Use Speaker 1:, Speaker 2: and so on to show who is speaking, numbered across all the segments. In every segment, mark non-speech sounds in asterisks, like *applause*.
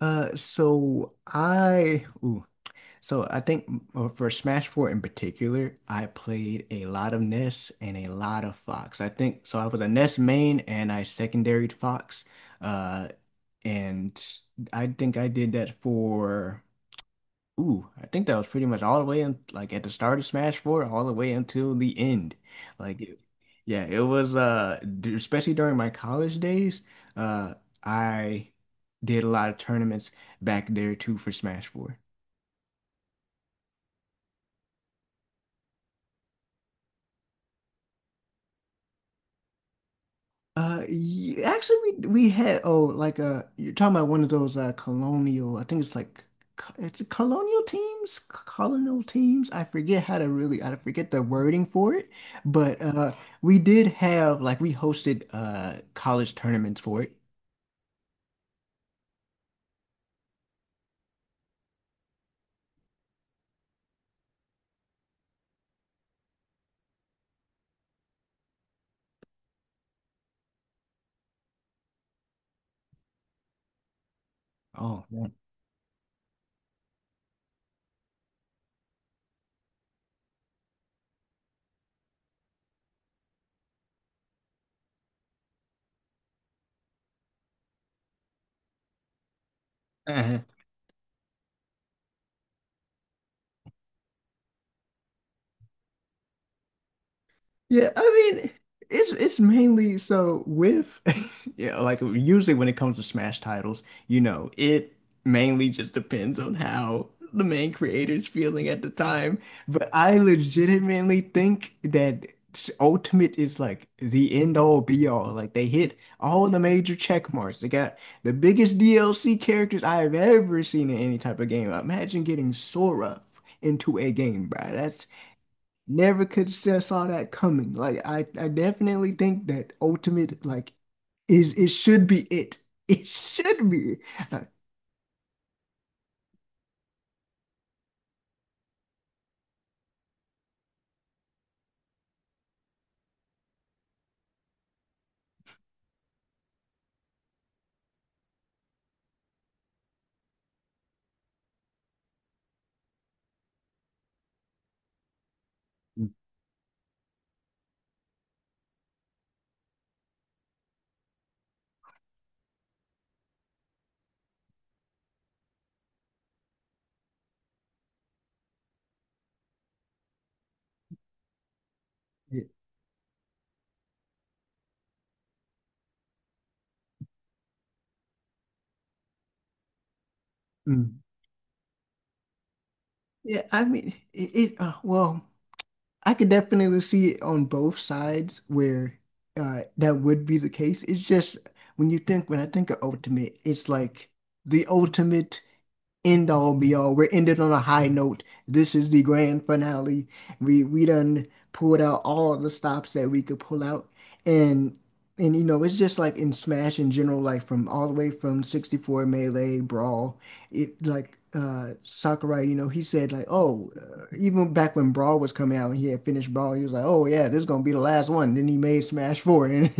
Speaker 1: Uh, so I, ooh, so I think for Smash 4 in particular, I played a lot of Ness and a lot of Fox. I think so. I was a Ness main and I secondaried Fox. Uh, and I think I did that for. I think that was pretty much all the way in, like at the start of Smash 4, all the way until the end. Like, it- yeah, it was, especially during my college days, uh, I did a lot of tournaments back there too for Smash 4. Y actually, we had, oh, like, you're talking about one of those colonial, I think it's like co- it's colonial teams, colonial teams. I forget how to really, I forget the wording for it, but we did have, like, we hosted college tournaments for it. Oh man. *laughs* Yeah, I mean, it's mainly so with... *laughs* yeah, like usually when it comes to Smash titles, you know, it mainly just depends on how the main creator's feeling at the time. But I legitimately think that Ultimate is like the end all be all. Like, they hit all the major check marks. They got the biggest DLC characters I have ever seen in any type of game. Imagine getting Sora into a game, bro. That's Never could say saw that coming. Like, I definitely think that ultimate, like, is it should be it. *laughs* It should be. Uh, yeah. Mm. Yeah, I mean, it well, I could definitely see it on both sides where that would be the case. It's just when I think of ultimate, it's like the ultimate end all be all. We're ended on a high note. This is the grand finale. We done pulled out all the stops that we could pull out. And and you know, it's just like in Smash in general, like from all the way from 64, Melee, Brawl, it like Sakurai, you know, he said, like, oh, even back when Brawl was coming out and he had finished Brawl, he was like, oh yeah, this is gonna be the last one. Then he made Smash 4, and...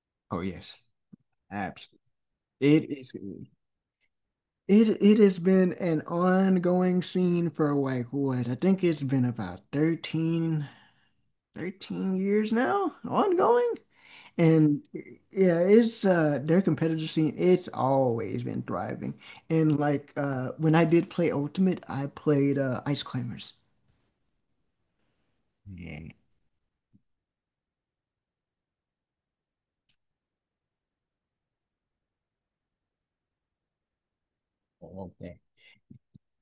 Speaker 1: *laughs* oh yes, absolutely. It is. It has been an ongoing scene for, like, what? I think it's been about thirteen years now, ongoing. And yeah, it's their competitive scene, it's always been thriving. And, like, when I did play Ultimate, I played Ice Climbers. Yeah. Okay.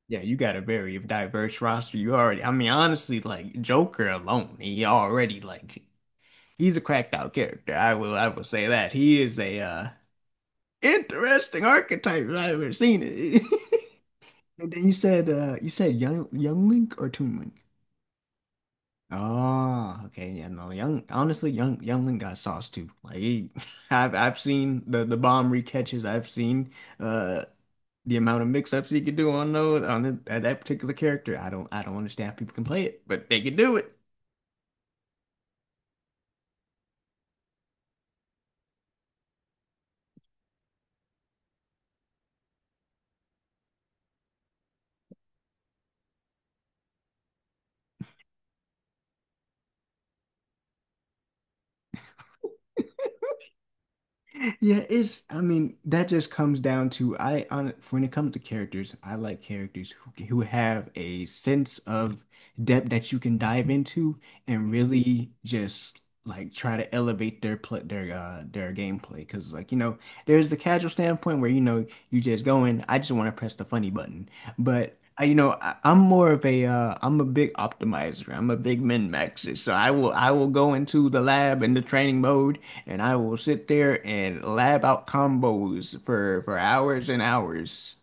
Speaker 1: Yeah, you got a very diverse roster. You already, I mean, honestly, like Joker alone, he already, like, he's a cracked out character. I will say that he is a interesting archetypes I've ever seen it. *laughs* And then you said, young Link or Toon Link? Oh, okay, yeah, no, young, honestly, young Link got sauce too. Like, he... *laughs* I've seen the bomb recatches. I've seen uh the amount of mix-ups he could do on those, on the, that particular character. I don't understand how people can play it, but they can do it. Yeah, it's, I mean, that just comes down to I on when it comes to characters, I like characters who have a sense of depth that you can dive into and really just, like, try to elevate their play, their gameplay, because, like, you know, there's the casual standpoint where, you know, you just go in, I just want to press the funny button. But I'm more of a I'm a big optimizer, I'm a big min maxer, so I will go into the lab and the training mode, and I will sit there and lab out combos for hours and hours.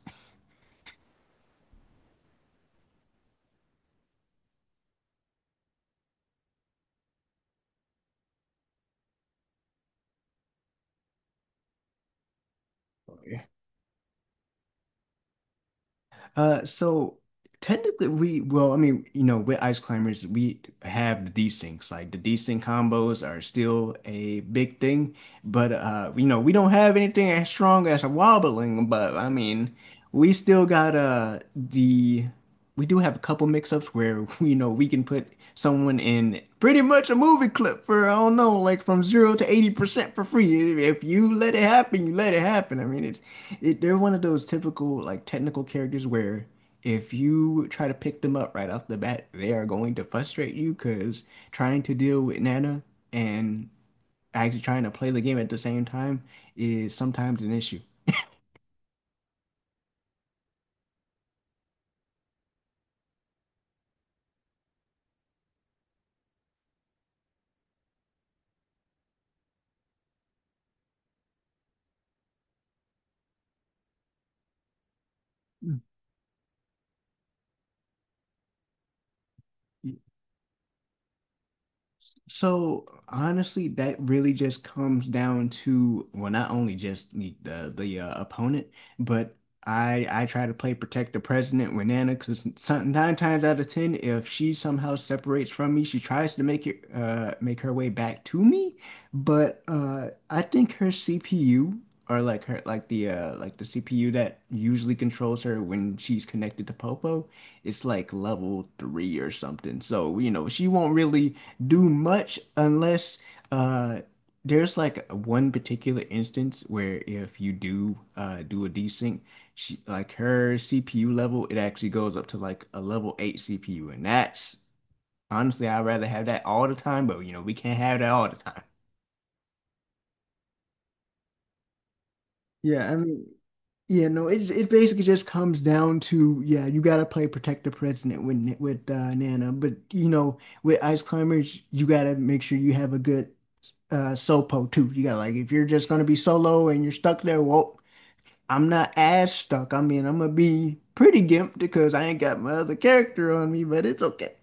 Speaker 1: So technically, we well, I mean, you know, with ice climbers, we have the desyncs. Like, the desync combos are still a big thing, but you know, we don't have anything as strong as a wobbling. But I mean, we still got the we do have a couple mix-ups where *laughs* you know, we can put someone in pretty much a movie clip for, I don't know, like, from zero to 80% for free if you let it happen, you let it happen. I mean, they're one of those typical, like, technical characters where if you try to pick them up right off the bat, they are going to frustrate you because trying to deal with Nana and actually trying to play the game at the same time is sometimes an issue. So honestly, that really just comes down to, well, not only just the opponent, but I try to play protect the president with Nana, because nine times out of ten, if she somehow separates from me, she tries to make her way back to me. But I think her CPU, or, like, her, like, the the CPU that usually controls her when she's connected to Popo, it's like level three or something. So you know she won't really do much unless uh there's like one particular instance where if you do a desync, she, like, her CPU level, it actually goes up to like a level 8 CPU, and that's, honestly, I'd rather have that all the time, but you know we can't have that all the time. Yeah, I mean, yeah, no, it basically just comes down to, yeah, you gotta play Protect the President with, Nana, but you know, with Ice Climbers, you gotta make sure you have a good sopo too. You got, like, if you're just gonna be solo and you're stuck there, well, I'm not as stuck. I mean, I'm gonna be pretty gimped because I ain't got my other character on me, but it's okay.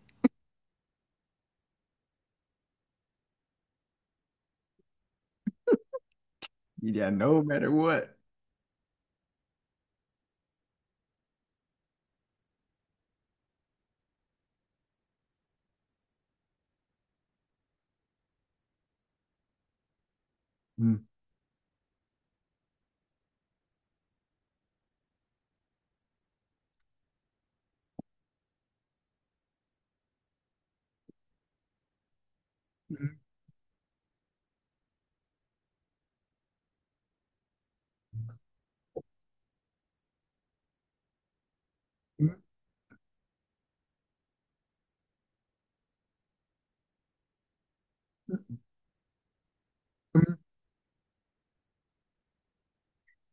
Speaker 1: Yeah, no matter what. Mm.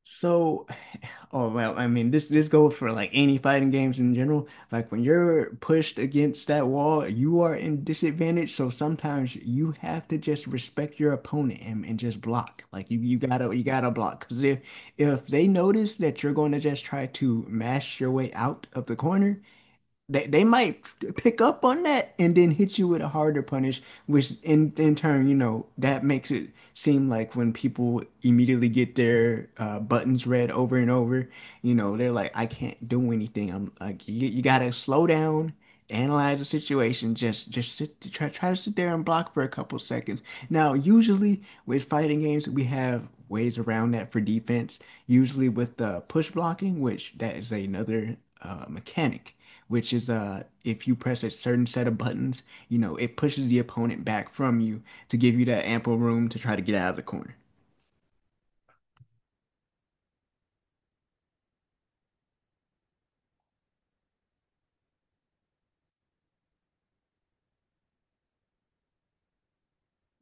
Speaker 1: So... *sighs* oh, well, I mean, this goes for, like, any fighting games in general. Like, when you're pushed against that wall, you are in disadvantage. So sometimes you have to just respect your opponent, and just block. Like, you gotta you gotta block, because if they notice that you're going to just try to mash your way out of the corner, they might pick up on that and then hit you with a harder punish, which in turn, you know, that makes it seem like when people immediately get their buttons read over and over, you know, they're like, I can't do anything. I'm like, you gotta slow down, analyze the situation, just sit try try to sit there and block for a couple seconds. Now, usually with fighting games, we have ways around that for defense, usually with push blocking, which that is another mechanic, which is if you press a certain set of buttons, you know, it pushes the opponent back from you to give you that ample room to try to get out of the corner.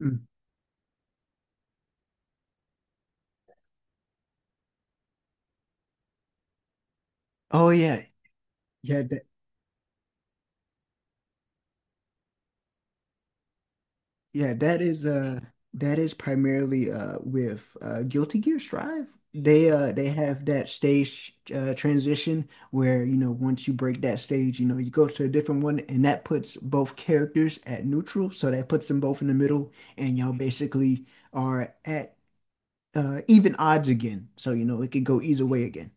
Speaker 1: Mm. Oh yeah. Yeah, that, yeah, that is primarily with Guilty Gear Strive. They have that stage transition where, you know, once you break that stage, you know, you go to a different one and that puts both characters at neutral, so that puts them both in the middle, and y'all basically are at even odds again. So, you know, it could go either way again.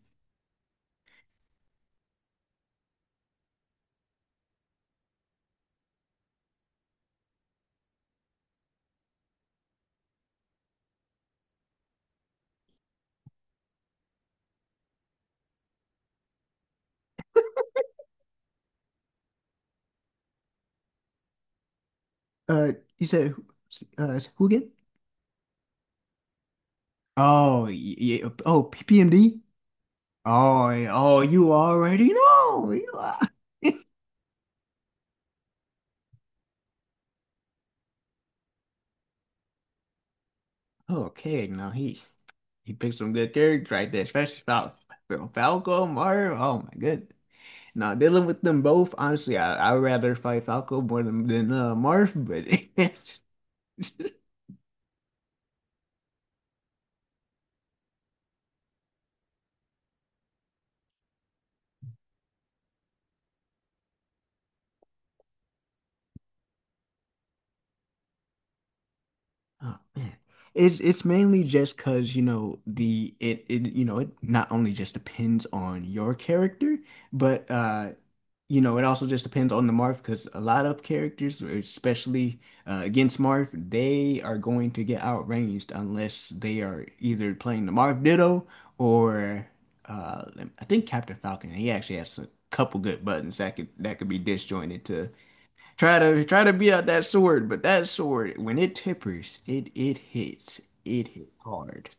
Speaker 1: Uh, you said, who again? Oh, yeah. Oh, PPMD. Oh, yeah. Oh, you already know. You are. *laughs* Okay, now he picked some good characters right there, especially about Falco, Mario. Oh my goodness. Now dealing with them both, honestly, I'd rather fight Falco more than Marth, but... *laughs* Oh man. It's mainly just because, you know, it not only just depends on your character, but you know, it also just depends on the Marth, because a lot of characters, especially against Marth, they are going to get outranged unless they are either playing the Marth Ditto or uh, I think Captain Falcon. He actually has a couple good buttons that could be disjointed to try to beat out that sword. But that sword, when it tippers, it hits. It hit hard.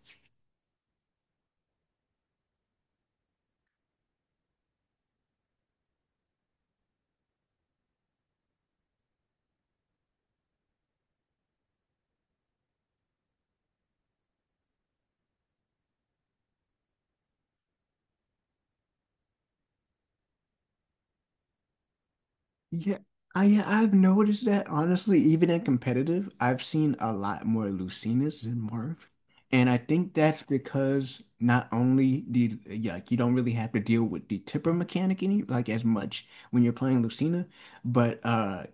Speaker 1: Yeah, yeah, I've noticed that, honestly. Even in competitive, I've seen a lot more Lucinas than Marth. And I think that's because not only the yeah, like, you don't really have to deal with the tipper mechanic any, like, as much when you're playing Lucina, but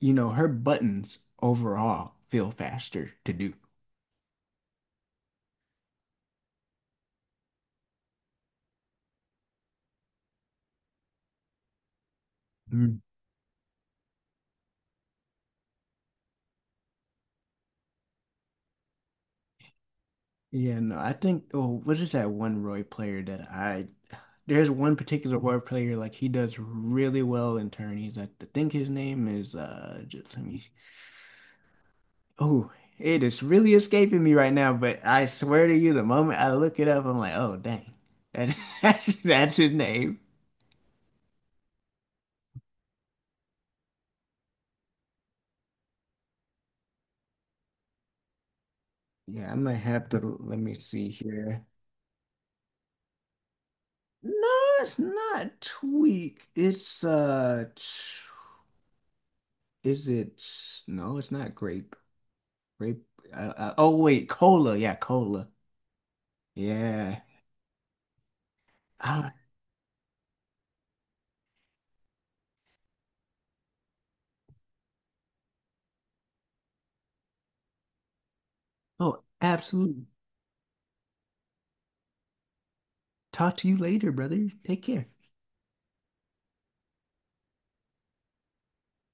Speaker 1: you know, her buttons overall feel faster to do. Yeah, no, I think, oh, what is that one Roy player that I, there's one particular Roy player, like he does really well in tourneys. I think his name is, just let me, oh, it is really escaping me right now, but I swear to you, the moment I look it up, I'm like, oh, dang, that, *laughs* that's his name. Yeah, I might have to, let me see here. No, it's not Tweak. It's, is it, no, it's not grape. Grape. Oh wait, cola. Yeah, cola. Yeah. Ah, oh, absolutely. Talk to you later, brother. Take care.